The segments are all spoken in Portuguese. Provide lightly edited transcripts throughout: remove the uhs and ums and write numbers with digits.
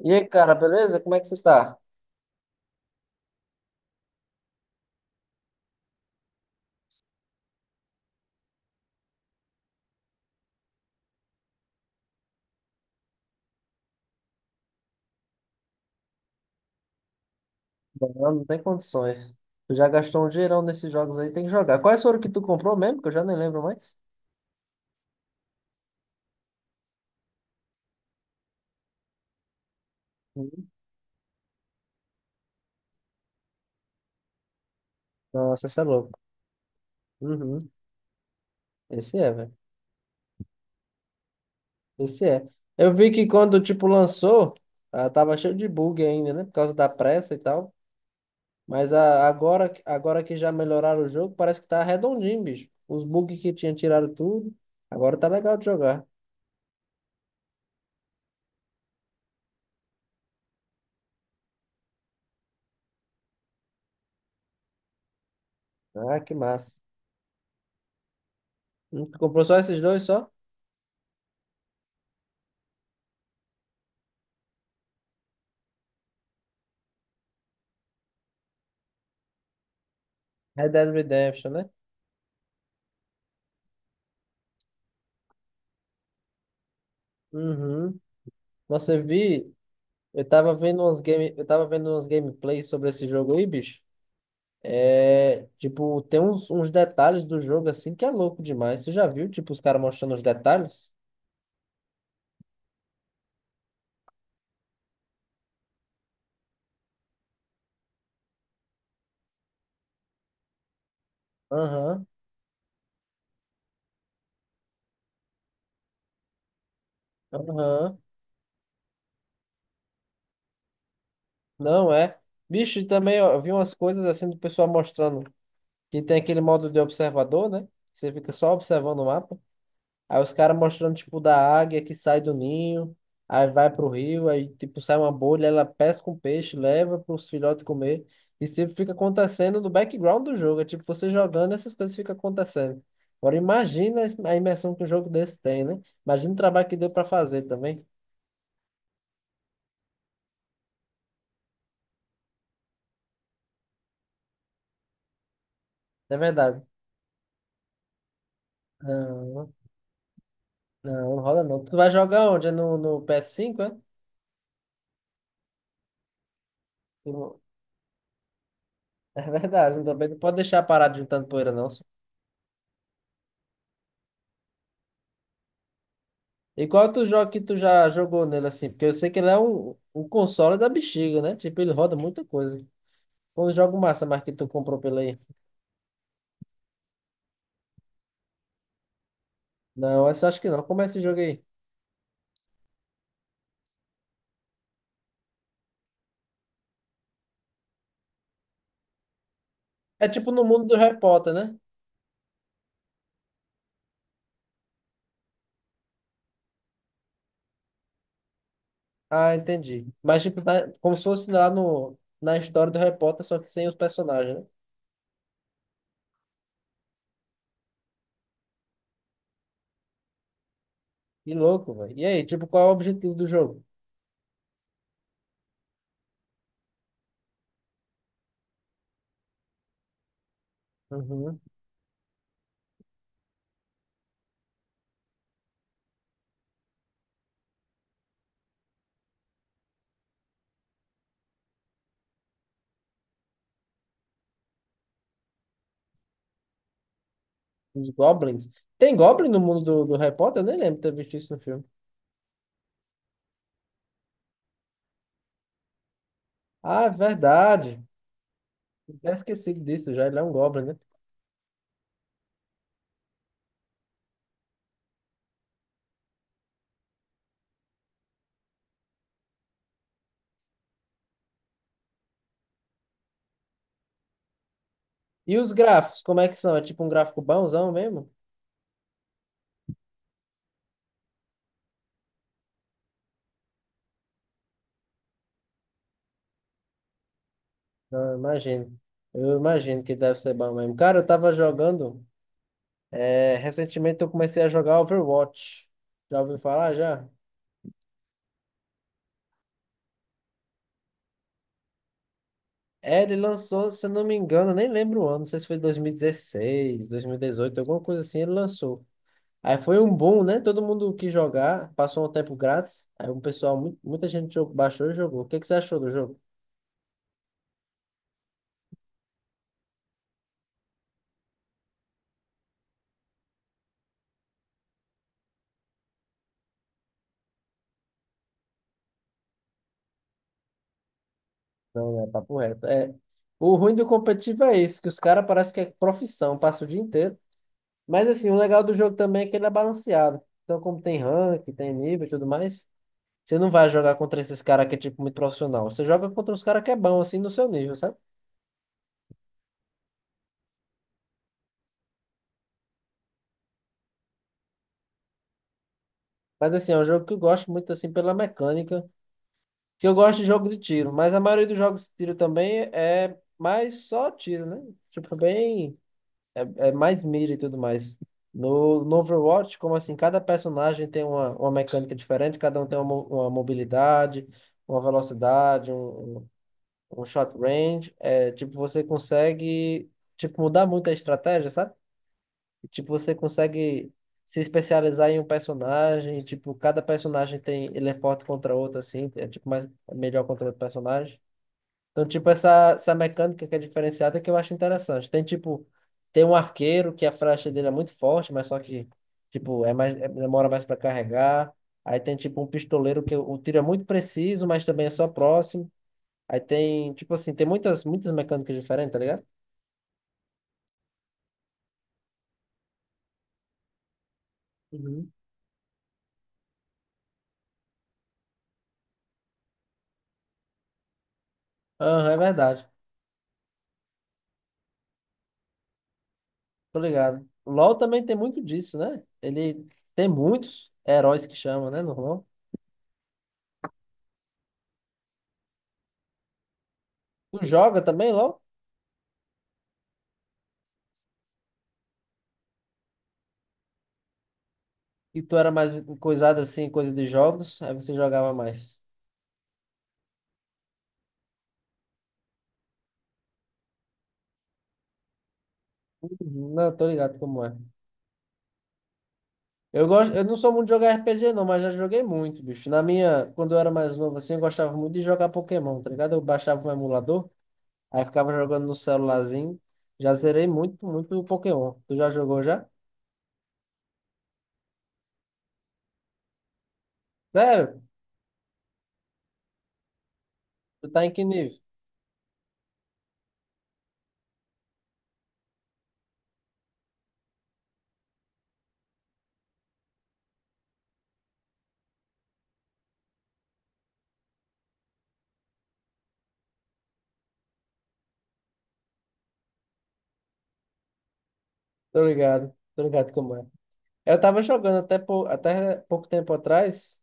E aí, cara, beleza? Como é que você tá? Não, não tem condições. Tu já gastou um dinheirão nesses jogos aí, tem que jogar. Quais foram que tu comprou mesmo? Que eu já nem lembro mais. Hum. Nossa, você é louco. Uhum. Esse é, velho. Esse é. Eu vi que quando, tipo, lançou, ah, tava cheio de bug ainda, né? Por causa da pressa e tal. Mas agora que já melhoraram o jogo, parece que tá redondinho, bicho. Os bugs que tinha tiraram tudo. Agora tá legal de jogar. Ah, que massa. Hum. Tu comprou só esses dois, só? Red Dead Redemption, né? Uhum. Nossa, eu tava vendo uns gameplays sobre esse jogo aí, bicho. É, tipo, tem uns detalhes do jogo assim que é louco demais. Você já viu, tipo, os caras mostrando os detalhes? Aham, aham. Não é. Bicho, e também ó, eu vi umas coisas assim do pessoal mostrando que tem aquele modo de observador, né? Você fica só observando o mapa. Aí os caras mostrando, tipo, da águia que sai do ninho, aí vai pro rio, aí, tipo, sai uma bolha, ela pesca um peixe, leva pros filhotes comer. Isso, tipo, fica acontecendo no background do jogo. É tipo, você jogando, essas coisas ficam acontecendo. Agora, imagina a imersão que um jogo desse tem, né? Imagina o trabalho que deu pra fazer também. É verdade. Não, não, não rola não. Tu vai jogar onde? É no ps cinco é? No- É verdade, também não pode deixar parado juntando poeira, não. E qual é outro jogo que tu já jogou nele assim? Porque eu sei que ele é o console da bexiga, né? Tipo, ele roda muita coisa. Qual o jogo massa mais que tu comprou pela aí? Não, essa eu acho que não. Como é esse jogo aí? É tipo no mundo do Harry Potter, né? Ah, entendi. Mas tipo, tá, como se fosse lá no, na história do Harry Potter, só que sem os personagens, né? Que louco, velho. E aí, tipo, qual é o objetivo do jogo? Uhum. Os Goblins. Tem Goblin no mundo do Harry Potter? Eu nem lembro de ter visto isso no filme. Ah, é verdade. Eu tinha esquecido disso já. Ele é um Goblin, né? E os gráficos, como é que são? É tipo um gráfico bonzão mesmo? Não, eu imagino. Eu imagino que deve ser bom mesmo. Cara, eu tava jogando. É, recentemente eu comecei a jogar Overwatch. Já ouviu falar já? É, ele lançou, se eu não me engano, eu nem lembro o ano, não sei se foi 2016, 2018 alguma coisa assim, ele lançou. Aí foi um boom, né? Todo mundo quis jogar, passou um tempo grátis. Aí um pessoal, muita gente baixou e jogou. O que que você achou do jogo? Não, é papo reto. É, o ruim do competitivo é esse, que os caras parece que é profissão, passa o dia inteiro. Mas assim, o legal do jogo também é que ele é balanceado. Então, como tem rank, tem nível e tudo mais, você não vai jogar contra esses caras que é tipo muito profissional. Você joga contra os caras que é bom, assim, no seu nível, sabe? Mas assim, é um jogo que eu gosto muito, assim, pela mecânica. Que eu gosto de jogo de tiro, mas a maioria dos jogos de tiro também é mais só tiro, né? Tipo, bem. É mais mira e tudo mais. No Overwatch, como assim, cada personagem tem uma mecânica diferente, cada um tem uma mobilidade, uma velocidade, um shot range. É, tipo, você consegue, tipo, mudar muito a estratégia, sabe? Tipo, você consegue se especializar em um personagem, tipo, cada personagem tem, ele é forte contra outro, assim, é tipo mais, melhor contra outro personagem. Então, tipo, essa mecânica que é diferenciada que eu acho interessante. Tem, tipo, tem um arqueiro que a flecha dele é muito forte, mas só que, tipo, é mais, demora mais para carregar. Aí tem, tipo, um pistoleiro que o tiro é muito preciso, mas também é só próximo. Aí tem, tipo assim, tem muitas mecânicas diferentes, tá ligado? Uhum. Aham, é verdade. Tô ligado. O LoL também tem muito disso, né? Ele tem muitos heróis que chamam, né, no LoL. Tu joga também, LoL? E tu era mais coisado assim, coisa de jogos, aí você jogava mais. Não, tô ligado como é. Eu gosto, eu não sou muito de jogar RPG não, mas já joguei muito, bicho. Quando eu era mais novo assim, eu gostava muito de jogar Pokémon, tá ligado? Eu baixava um emulador, aí ficava jogando no celularzinho. Já zerei muito, muito o Pokémon. Tu já jogou já? Sério? Tu tá em que nível? Tô ligado como é. Eu tava jogando até, até pouco tempo atrás,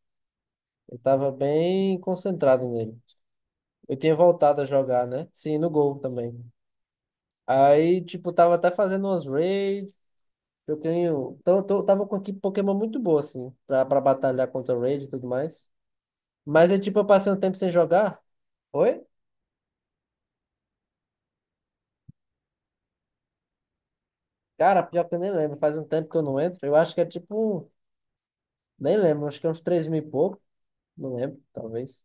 eu tava bem concentrado nele. Eu tinha voltado a jogar, né? Sim, no Gol também. Aí, tipo, tava até fazendo umas raids, eu tenho. Então, eu tava com aqui Pokémon muito boa, assim, pra batalhar contra o raid e tudo mais. Mas é tipo, eu passei um tempo sem jogar. Oi? Cara, pior que eu nem lembro. Faz um tempo que eu não entro. Eu acho que é tipo. Nem lembro, acho que é uns 3 mil e pouco. Não lembro, talvez.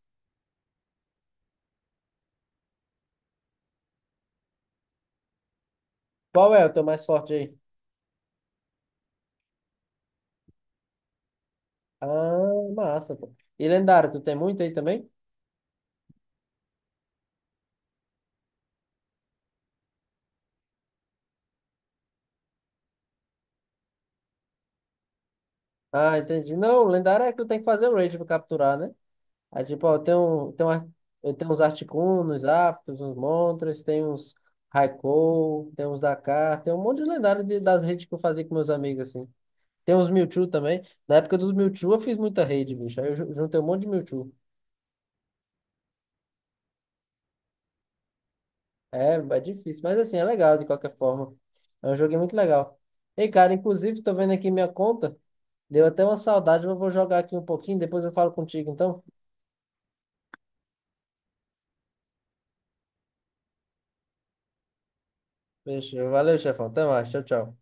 Qual é o teu mais forte aí? Ah, massa, pô. E lendário, tu tem muito aí também? Ah, entendi. Não, lendário é que tu tem que fazer o raid pra capturar, né? Aí, tipo, ó, eu tenho uns Articuno, uns Zapdos, uns Moltres, tem uns Raikou, tem uns Dakar, tem um monte de lendário das redes que eu fazia com meus amigos, assim. Tem uns Mewtwo também. Na época dos Mewtwo eu fiz muita rede, bicho. Aí eu juntei um monte de Mewtwo. É, é difícil, mas assim, é legal de qualquer forma. É um jogo muito legal. Ei, cara, inclusive, tô vendo aqui minha conta. Deu até uma saudade, mas eu vou jogar aqui um pouquinho, depois eu falo contigo, então. Beijo, valeu, chefão. Até mais, tchau, tchau.